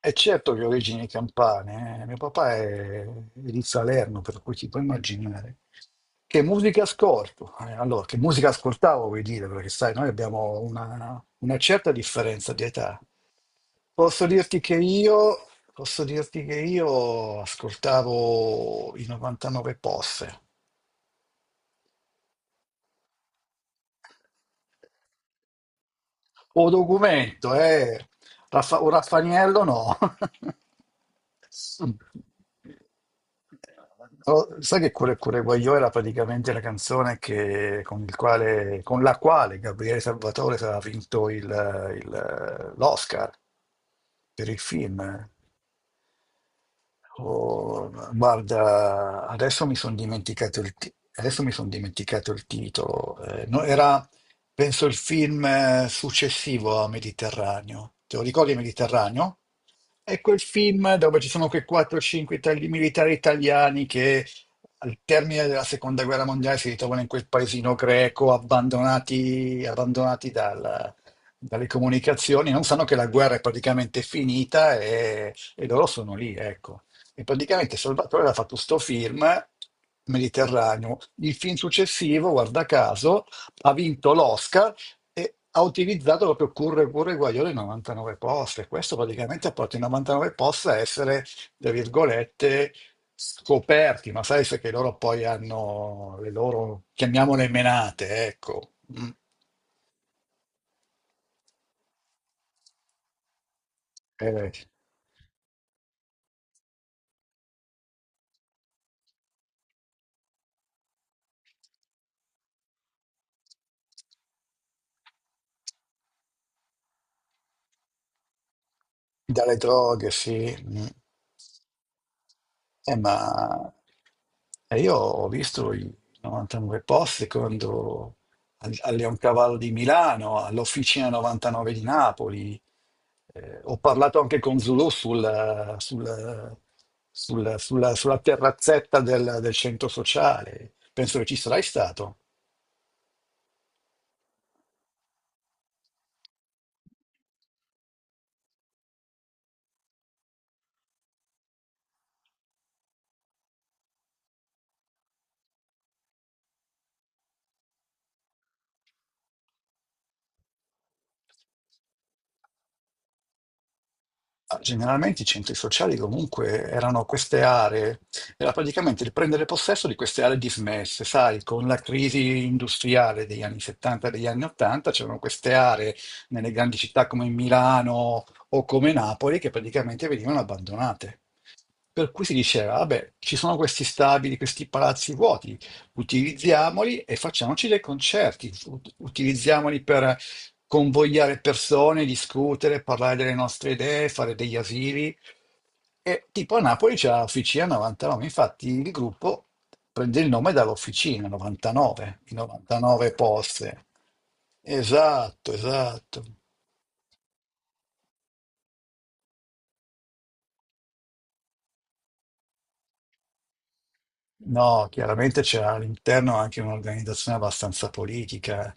E certo che ho origini campane, eh. Mio papà è di Salerno, per cui ti puoi immaginare. Che musica ascolto? Allora, che musica ascoltavo, vuoi dire, perché sai, noi abbiamo una certa differenza di età. Posso dirti che io, posso dirti che io ascoltavo i 99 Posse. O documento, eh. O Raffaniello no. Oh, sai che Cuore Cuore Guagliò era praticamente la canzone con la quale Gabriele Salvatore aveva vinto l'Oscar per il film. Oh, guarda, adesso mi son dimenticato il titolo. No, era, penso, il film successivo a Mediterraneo. Te lo ricordi Mediterraneo? È quel film dove ci sono quei 4-5 militari italiani che al termine della seconda guerra mondiale si ritrovano in quel paesino greco abbandonati dalle comunicazioni, non sanno che la guerra è praticamente finita e loro sono lì, ecco. E praticamente Salvatore aveva fatto sto film Mediterraneo. Il film successivo, guarda caso, ha vinto l'Oscar e ha utilizzato proprio Curre Curre Guaiole 99 poste. Questo praticamente ha portato i 99 posti a essere, tra virgolette, scoperti, ma sai se che loro poi hanno le loro, chiamiamole menate, ecco, Mm. Eh, dalle droghe, sì. Mm. Eh, ma E io ho visto i 99 posti quando al Leoncavallo di Milano, all'Officina 99 di Napoli. Ho parlato anche con Zulu sulla terrazzetta del centro sociale. Penso che ci sarai stato. Ah, generalmente i centri sociali comunque erano queste aree, era praticamente il prendere possesso di queste aree dismesse, sai, con la crisi industriale degli anni 70 e degli anni 80 c'erano queste aree nelle grandi città come Milano o come Napoli che praticamente venivano abbandonate. Per cui si diceva, vabbè, ci sono questi stabili, questi palazzi vuoti, utilizziamoli e facciamoci dei concerti, utilizziamoli per convogliare persone, discutere, parlare delle nostre idee, fare degli asili. E tipo a Napoli c'è l'Officina 99, infatti il gruppo prende il nome dall'Officina 99, i 99 poste. Esatto, esatto. No, chiaramente c'era all'interno anche un'organizzazione abbastanza politica.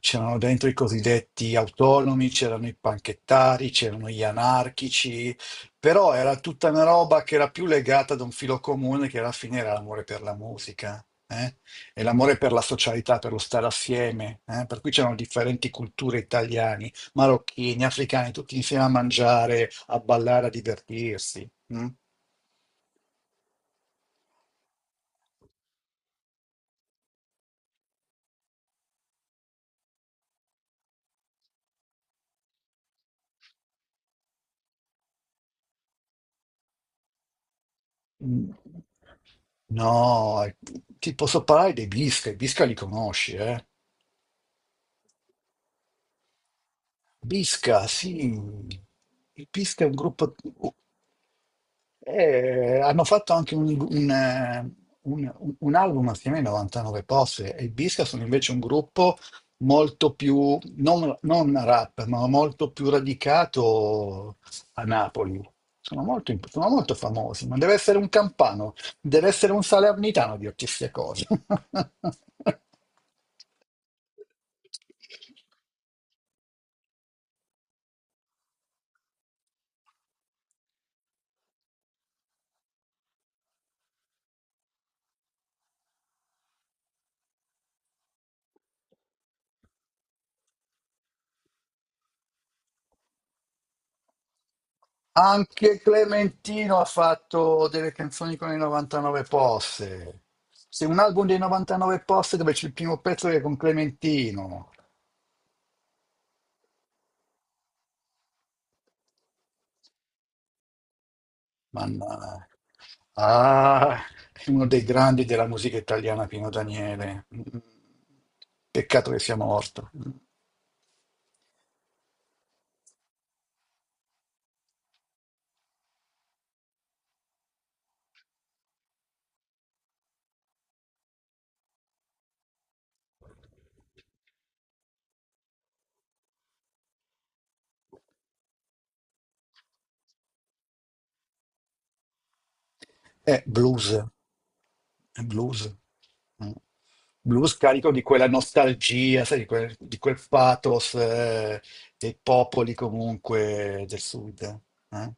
C'erano dentro i cosiddetti autonomi, c'erano i panchettari, c'erano gli anarchici, però era tutta una roba che era più legata ad un filo comune che alla fine era l'amore per la musica, eh? E l'amore per la socialità, per lo stare assieme, eh? Per cui c'erano differenti culture italiani, marocchini, africani, tutti insieme a mangiare, a ballare, a divertirsi, mm? Mm. No, ti posso parlare dei Visca, i Visca li conosci, eh? Pisca, sì. Il Pisca è un gruppo. Hanno fatto anche un album assieme ai 99 Posse e i Pisca sono invece un gruppo molto più, non rap, ma molto più radicato a Napoli. Sono molto famosi, ma deve essere un campano, deve essere un salernitano a dirti queste cose. Anche Clementino ha fatto delle canzoni con i 99 posse. C'è un album dei 99 posse dove c'è il primo pezzo che è con Clementino. Mannaggia. Ah, è uno dei grandi della musica italiana, Pino Daniele. Mm. Peccato che sia morto. Mm. È blues, è blues. Mm. Blues carico di quella nostalgia, sai, di quel pathos dei popoli comunque del sud. eh.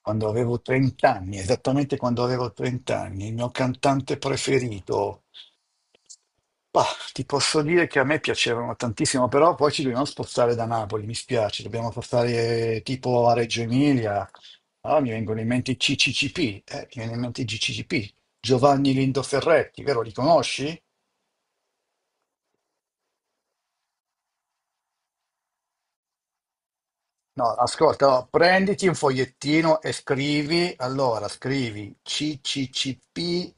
Quando avevo 30 anni, esattamente quando avevo 30 anni, il mio cantante preferito. Bah, ti posso dire che a me piacevano tantissimo, però poi ci dobbiamo spostare da Napoli, mi spiace, dobbiamo spostare tipo a Reggio Emilia. Allora mi vengono in mente i CCCP, mi viene in mente i GCCP, Giovanni Lindo Ferretti, vero, li conosci? No, ascolta, no, prenditi un fogliettino e scrivi, allora scrivi CCCP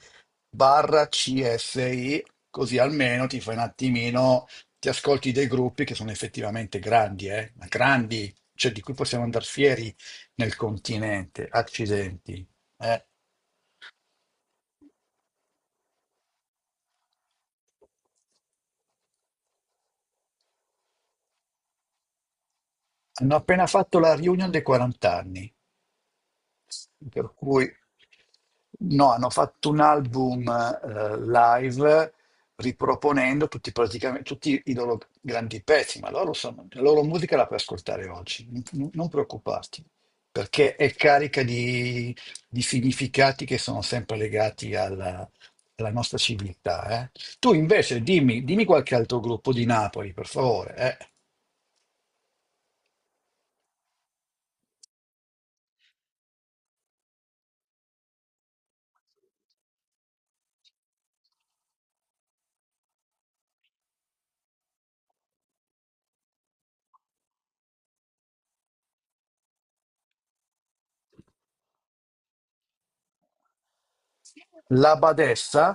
barra CSI, così almeno ti fai un attimino, ti ascolti dei gruppi che sono effettivamente grandi, eh? Ma grandi, cioè di cui possiamo andare fieri nel continente, accidenti. eh. Hanno appena fatto la reunion dei 40 anni. Per cui no, hanno fatto un album live riproponendo tutti, praticamente, tutti i loro grandi pezzi, ma la loro musica la puoi ascoltare oggi, non preoccuparti, perché è carica di significati che sono sempre legati alla nostra civiltà. Tu invece dimmi, qualche altro gruppo di Napoli, per favore. La Badessa,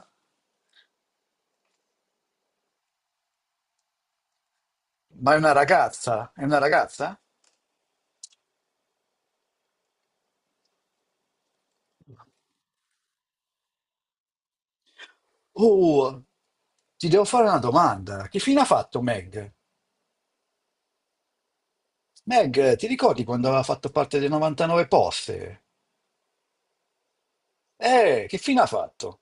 ma è una ragazza? È una ragazza? Oh, ti devo fare una domanda. Che fine ha fatto Meg? Meg, ti ricordi quando aveva fatto parte dei 99 poste? Che fine ha fatto?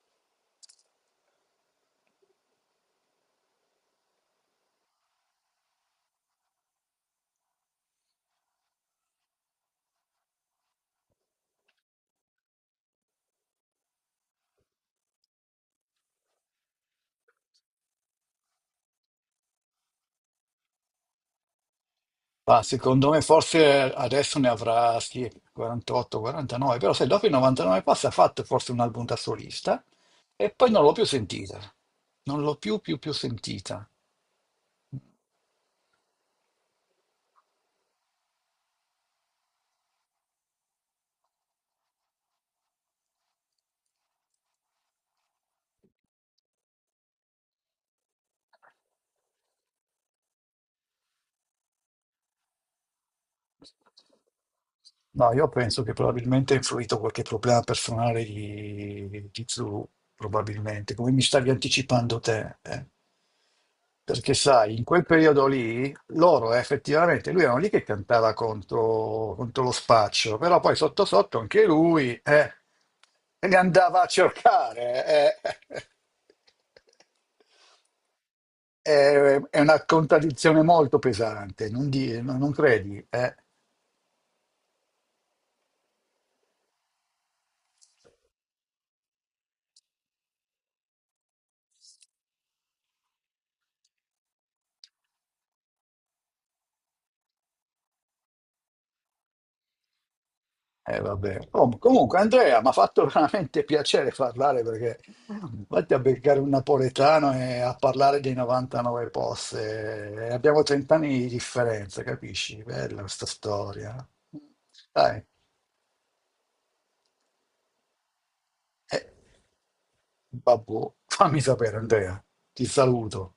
Ma secondo me forse adesso ne avrà sì, 48, 49, però se dopo i 99 posti ha fatto forse un album da solista e poi non l'ho più sentita. Non l'ho più sentita. No, io penso che probabilmente ha influito qualche problema personale di Zhu, probabilmente, come mi stavi anticipando te. Perché sai, in quel periodo lì, loro effettivamente, lui era lì che cantava contro lo spaccio, però poi sotto sotto anche lui li andava a cercare. È una contraddizione molto pesante, non credi? Eh? Vabbè. Oh, comunque, Andrea, mi ha fatto veramente piacere parlare perché vatti a beccare un napoletano e a parlare dei 99 posse. Abbiamo 30 anni di differenza, capisci? Bella questa storia. Dai, eh, babbo, fammi sapere, Andrea. Ti saluto.